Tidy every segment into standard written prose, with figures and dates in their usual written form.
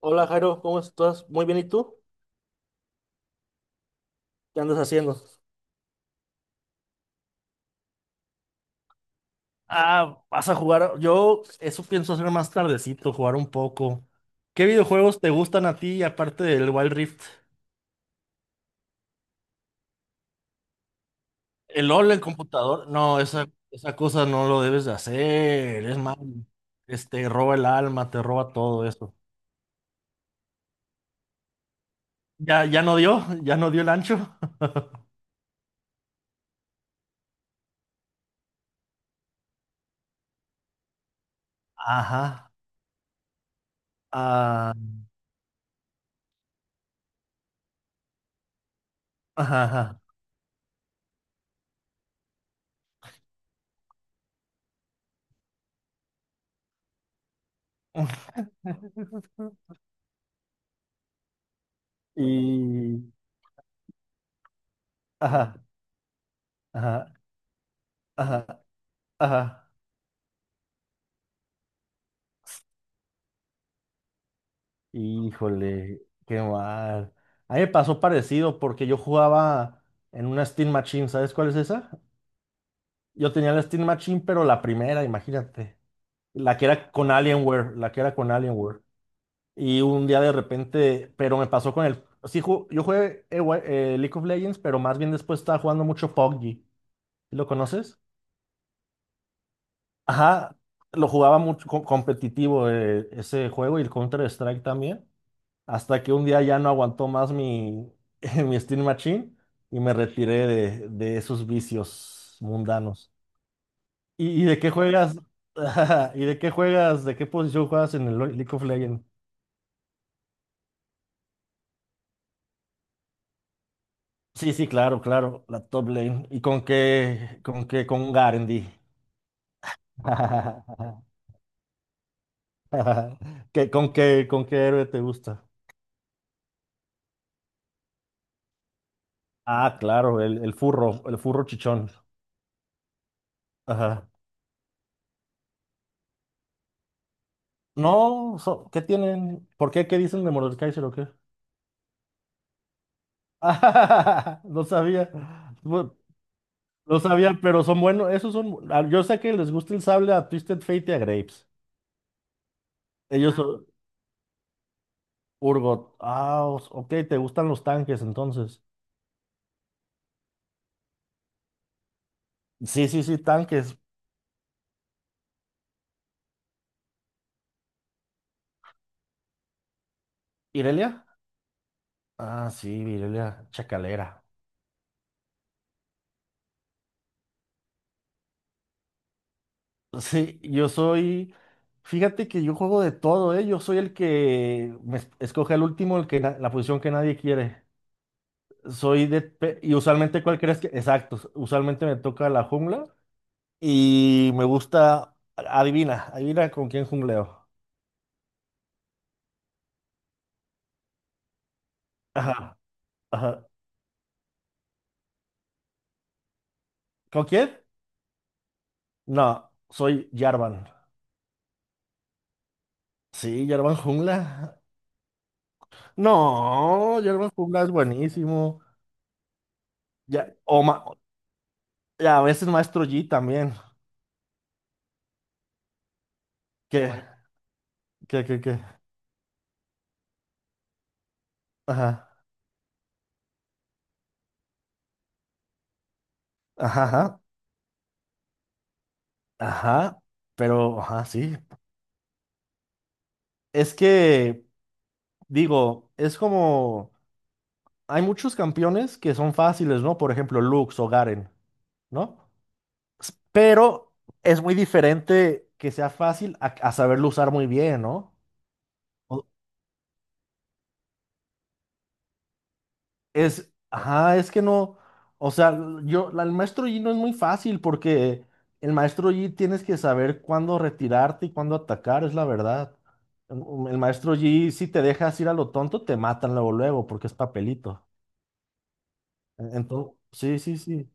Hola Jairo, ¿cómo estás? Muy bien, ¿y tú? ¿Qué andas haciendo? Ah, vas a jugar. Yo eso pienso hacer más tardecito, jugar un poco. ¿Qué videojuegos te gustan a ti aparte del Wild Rift? El LOL, el computador. No, esa cosa no lo debes de hacer. Es malo. Roba el alma, te roba todo eso. Ya no dio el ancho. Ajá. Ah, ajá, ajá. Y. Ajá. Ajá. Ajá. Ajá. Híjole, qué mal. A mí me pasó parecido porque yo jugaba en una Steam Machine, ¿sabes cuál es esa? Yo tenía la Steam Machine, pero la primera, imagínate. La que era con Alienware, la que era con Alienware. Y un día de repente, pero me pasó con el... Sí, yo jugué League of Legends, pero más bien después estaba jugando mucho PUBG. ¿Lo conoces? Ajá, lo jugaba mucho competitivo, ese juego y el Counter-Strike también, hasta que un día ya no aguantó más mi Steam Machine y me retiré de esos vicios mundanos. ¿Y de qué juegas? ¿Y de qué juegas? ¿De qué posición juegas en el League of Legends? Sí, sí, claro, claro, la top lane. ¿Y con Garendi? ¿Qué, con qué héroe te gusta? Ah, claro, el furro chichón. Ajá. No, ¿qué tienen? ¿Por qué? ¿Qué dicen de Mordekaiser o qué? No sabía. Bu- No sabía, pero son buenos. Esos son. Yo sé que les gusta el sable a Twisted Fate y a Grapes. Ellos Ah, son Urgot. Ah, ok, te gustan los tanques entonces. Sí, sí, sí, tanques. ¿Irelia? Ah, sí, Irelia, chacalera. Sí, yo soy. Fíjate que yo juego de todo, ¿eh? Yo soy el que escoge el último, el que la posición que nadie quiere. Soy de. Y usualmente, ¿cuál crees que? Exacto. Usualmente me toca la jungla. Y me gusta. Adivina, adivina con quién jungleo. Ajá, ajá. ¿Con quién? No, soy Jarvan. Sí, Jarvan Jungla. No, Jarvan Jungla es buenísimo. Ya, o ma- ya, a veces Maestro Yi también. Que, bueno, que. Ajá, ajá, ajá. Ajá, pero, ajá, sí. Es que, digo, es como. Hay muchos campeones que son fáciles, ¿no? Por ejemplo, Lux o Garen, ¿no? Pero es muy diferente que sea fácil a saberlo usar muy bien, ¿no? O- Es, ajá, es que no, o sea, yo, el maestro Yi no es muy fácil porque el maestro Yi tienes que saber cuándo retirarte y cuándo atacar, es la verdad. El el maestro Yi, si te dejas ir a lo tonto, te matan luego, luego, porque es papelito. Entonces, sí, sí, sí.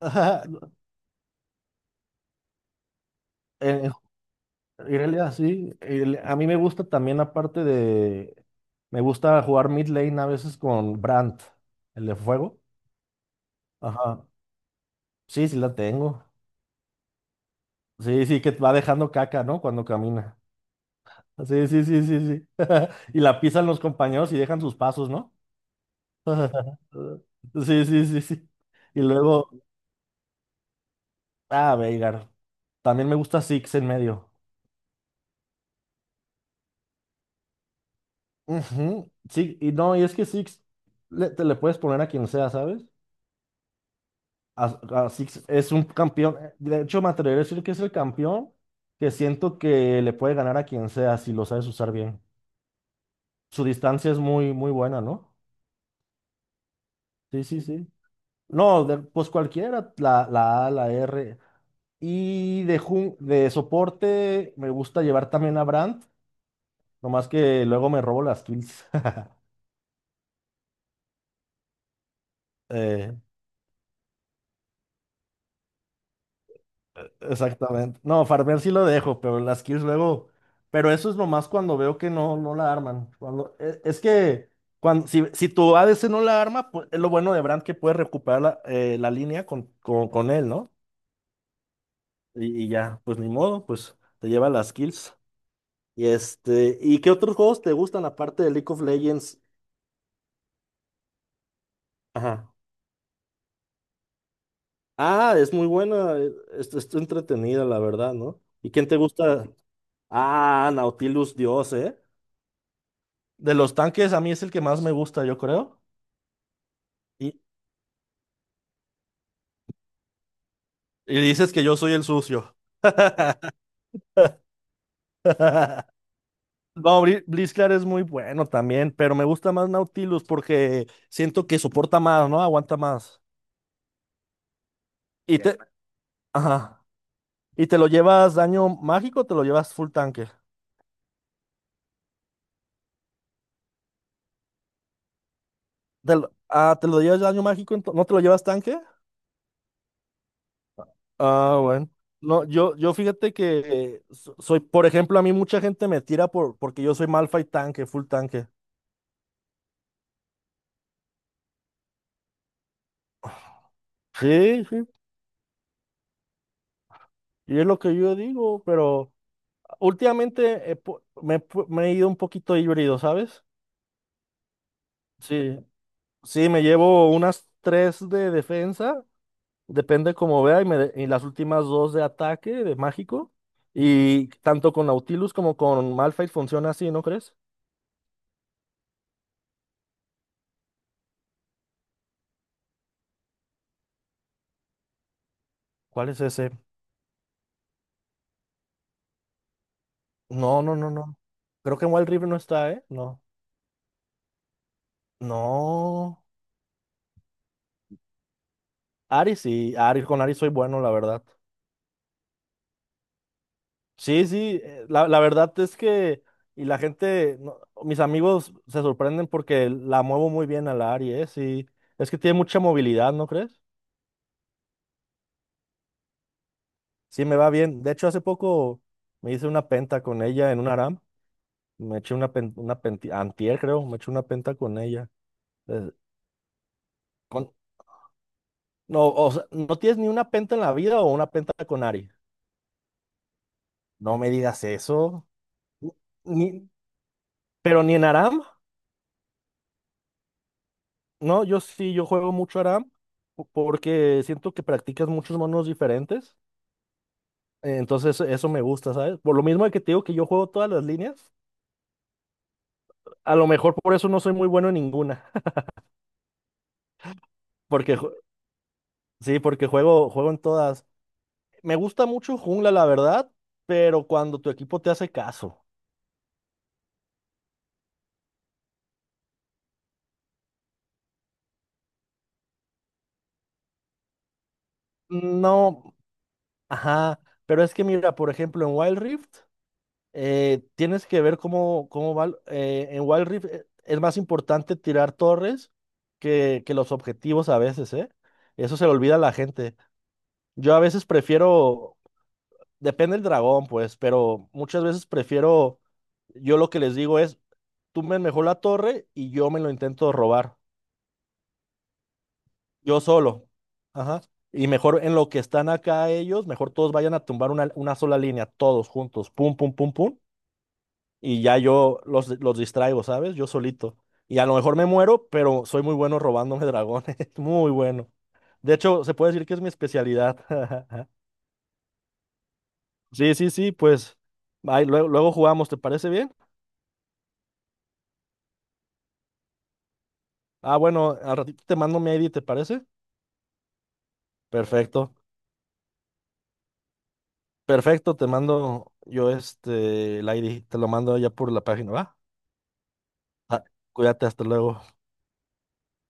En, en En realidad, sí. A mí me gusta también, aparte de. Me gusta jugar mid lane a veces con Brandt, el de fuego. Ajá. Sí, sí la tengo. Sí, sí, que va dejando caca, ¿no? Cuando camina. Sí, sí, sí, sí, sí. Y la pisan los compañeros y dejan sus pasos, ¿no? Sí, sí, sí, sí. Y luego, ah, Veigar. También me gusta Six en medio. Ujú. Sí, y no, y es que Six te le puedes poner a quien sea, ¿sabes? Así es un campeón. De hecho, me atrevería a decir que es el campeón que siento que le puede ganar a quien sea si lo sabes usar bien. Su distancia es muy, muy buena, ¿no? Sí, sí, sí. No, pues cualquiera, la, la A, la R. Y de soporte me gusta llevar también a Brandt, nomás que luego me robo las kills. Eh, Exactamente. No, farmear sí lo dejo, pero las kills luego. Pero eso es nomás cuando veo que no, no la arman. Cuando... Es que cuando, si, si tu a ADC no la arma, pues es lo bueno de Brand que puede recuperar la, la línea con él, ¿no? Y ya, pues ni modo, pues te lleva las kills. Y este, ¿y qué otros juegos te gustan aparte de League of Legends? Ajá. Ah, es muy buena, está entretenida, la verdad, ¿no? ¿Y quién te gusta? Ah, Nautilus Dios, eh. De los tanques, a mí es el que más me gusta, yo creo. Y, y dices que yo soy el sucio. No, Blitzcrank es muy bueno también, pero me gusta más Nautilus porque siento que soporta más, ¿no? Aguanta más. Y te, ajá. ¿Y te lo llevas daño mágico o te lo llevas full tanque? Ah, ¿te lo llevas daño mágico? ¿No te lo llevas tanque? Ah, bueno. No, yo fíjate que soy, por ejemplo, a mí mucha gente me tira por, porque yo soy Malphite tanque, full tanque. Sí, sí. Y es lo que yo digo, pero últimamente me he ido un poquito híbrido, ¿sabes? Sí, sí, me llevo unas tres de defensa, depende cómo vea, y, y las últimas dos de ataque, de mágico. Y tanto con Nautilus como con Malphite funciona así, ¿no crees? ¿Cuál es ese? No, no, no, no. Creo que en Wild Rift no está, ¿eh? No. No. Ari sí, Ari, con Ari soy bueno, la verdad. Sí, sí, la, la verdad es que, y la gente, no, mis amigos se sorprenden porque la muevo muy bien a la Ari, ¿eh? Sí, es que tiene mucha movilidad, ¿no crees? Sí, me va bien. De hecho, hace poco me hice una penta con ella en un ARAM. Me eché una, pen- una penti- antier, creo, me eché una penta con ella. Eh, con, no, o sea, ¿no tienes ni una penta en la vida o una penta con Ari? No me digas eso. Ni, pero ni en ARAM. No, yo sí, yo juego mucho ARAM porque siento que practicas muchos monos diferentes. Entonces eso me gusta, ¿sabes? Por lo mismo de que te digo que yo juego todas las líneas, a lo mejor por eso no soy muy bueno en ninguna. Porque sí, porque juego en todas. Me gusta mucho jungla, la verdad, pero cuando tu equipo te hace caso. No, ajá. Pero es que mira, por ejemplo, en Wild Rift. Tienes que ver cómo, cómo va. En Wild Rift es más importante tirar torres que los objetivos a veces, ¿eh? Eso se le olvida a la gente. Yo a veces prefiero, depende del dragón, pues, pero muchas veces prefiero, yo lo que les digo es, tumben mejor la torre y yo me lo intento robar, yo solo. Ajá. Y mejor en lo que están acá ellos, mejor todos vayan a tumbar una sola línea, todos juntos, pum, pum, pum, pum, y ya yo los distraigo, ¿sabes? Yo solito. Y a lo mejor me muero, pero soy muy bueno robándome dragones, muy bueno. De hecho, se puede decir que es mi especialidad. Sí, sí, sí, pues ahí luego, luego jugamos, ¿te parece bien? Ah, bueno, al ratito te mando mi ID, ¿te parece? Perfecto, perfecto, te mando yo este, el ID, te lo mando ya por la página, ¿va? Ah, cuídate, hasta luego.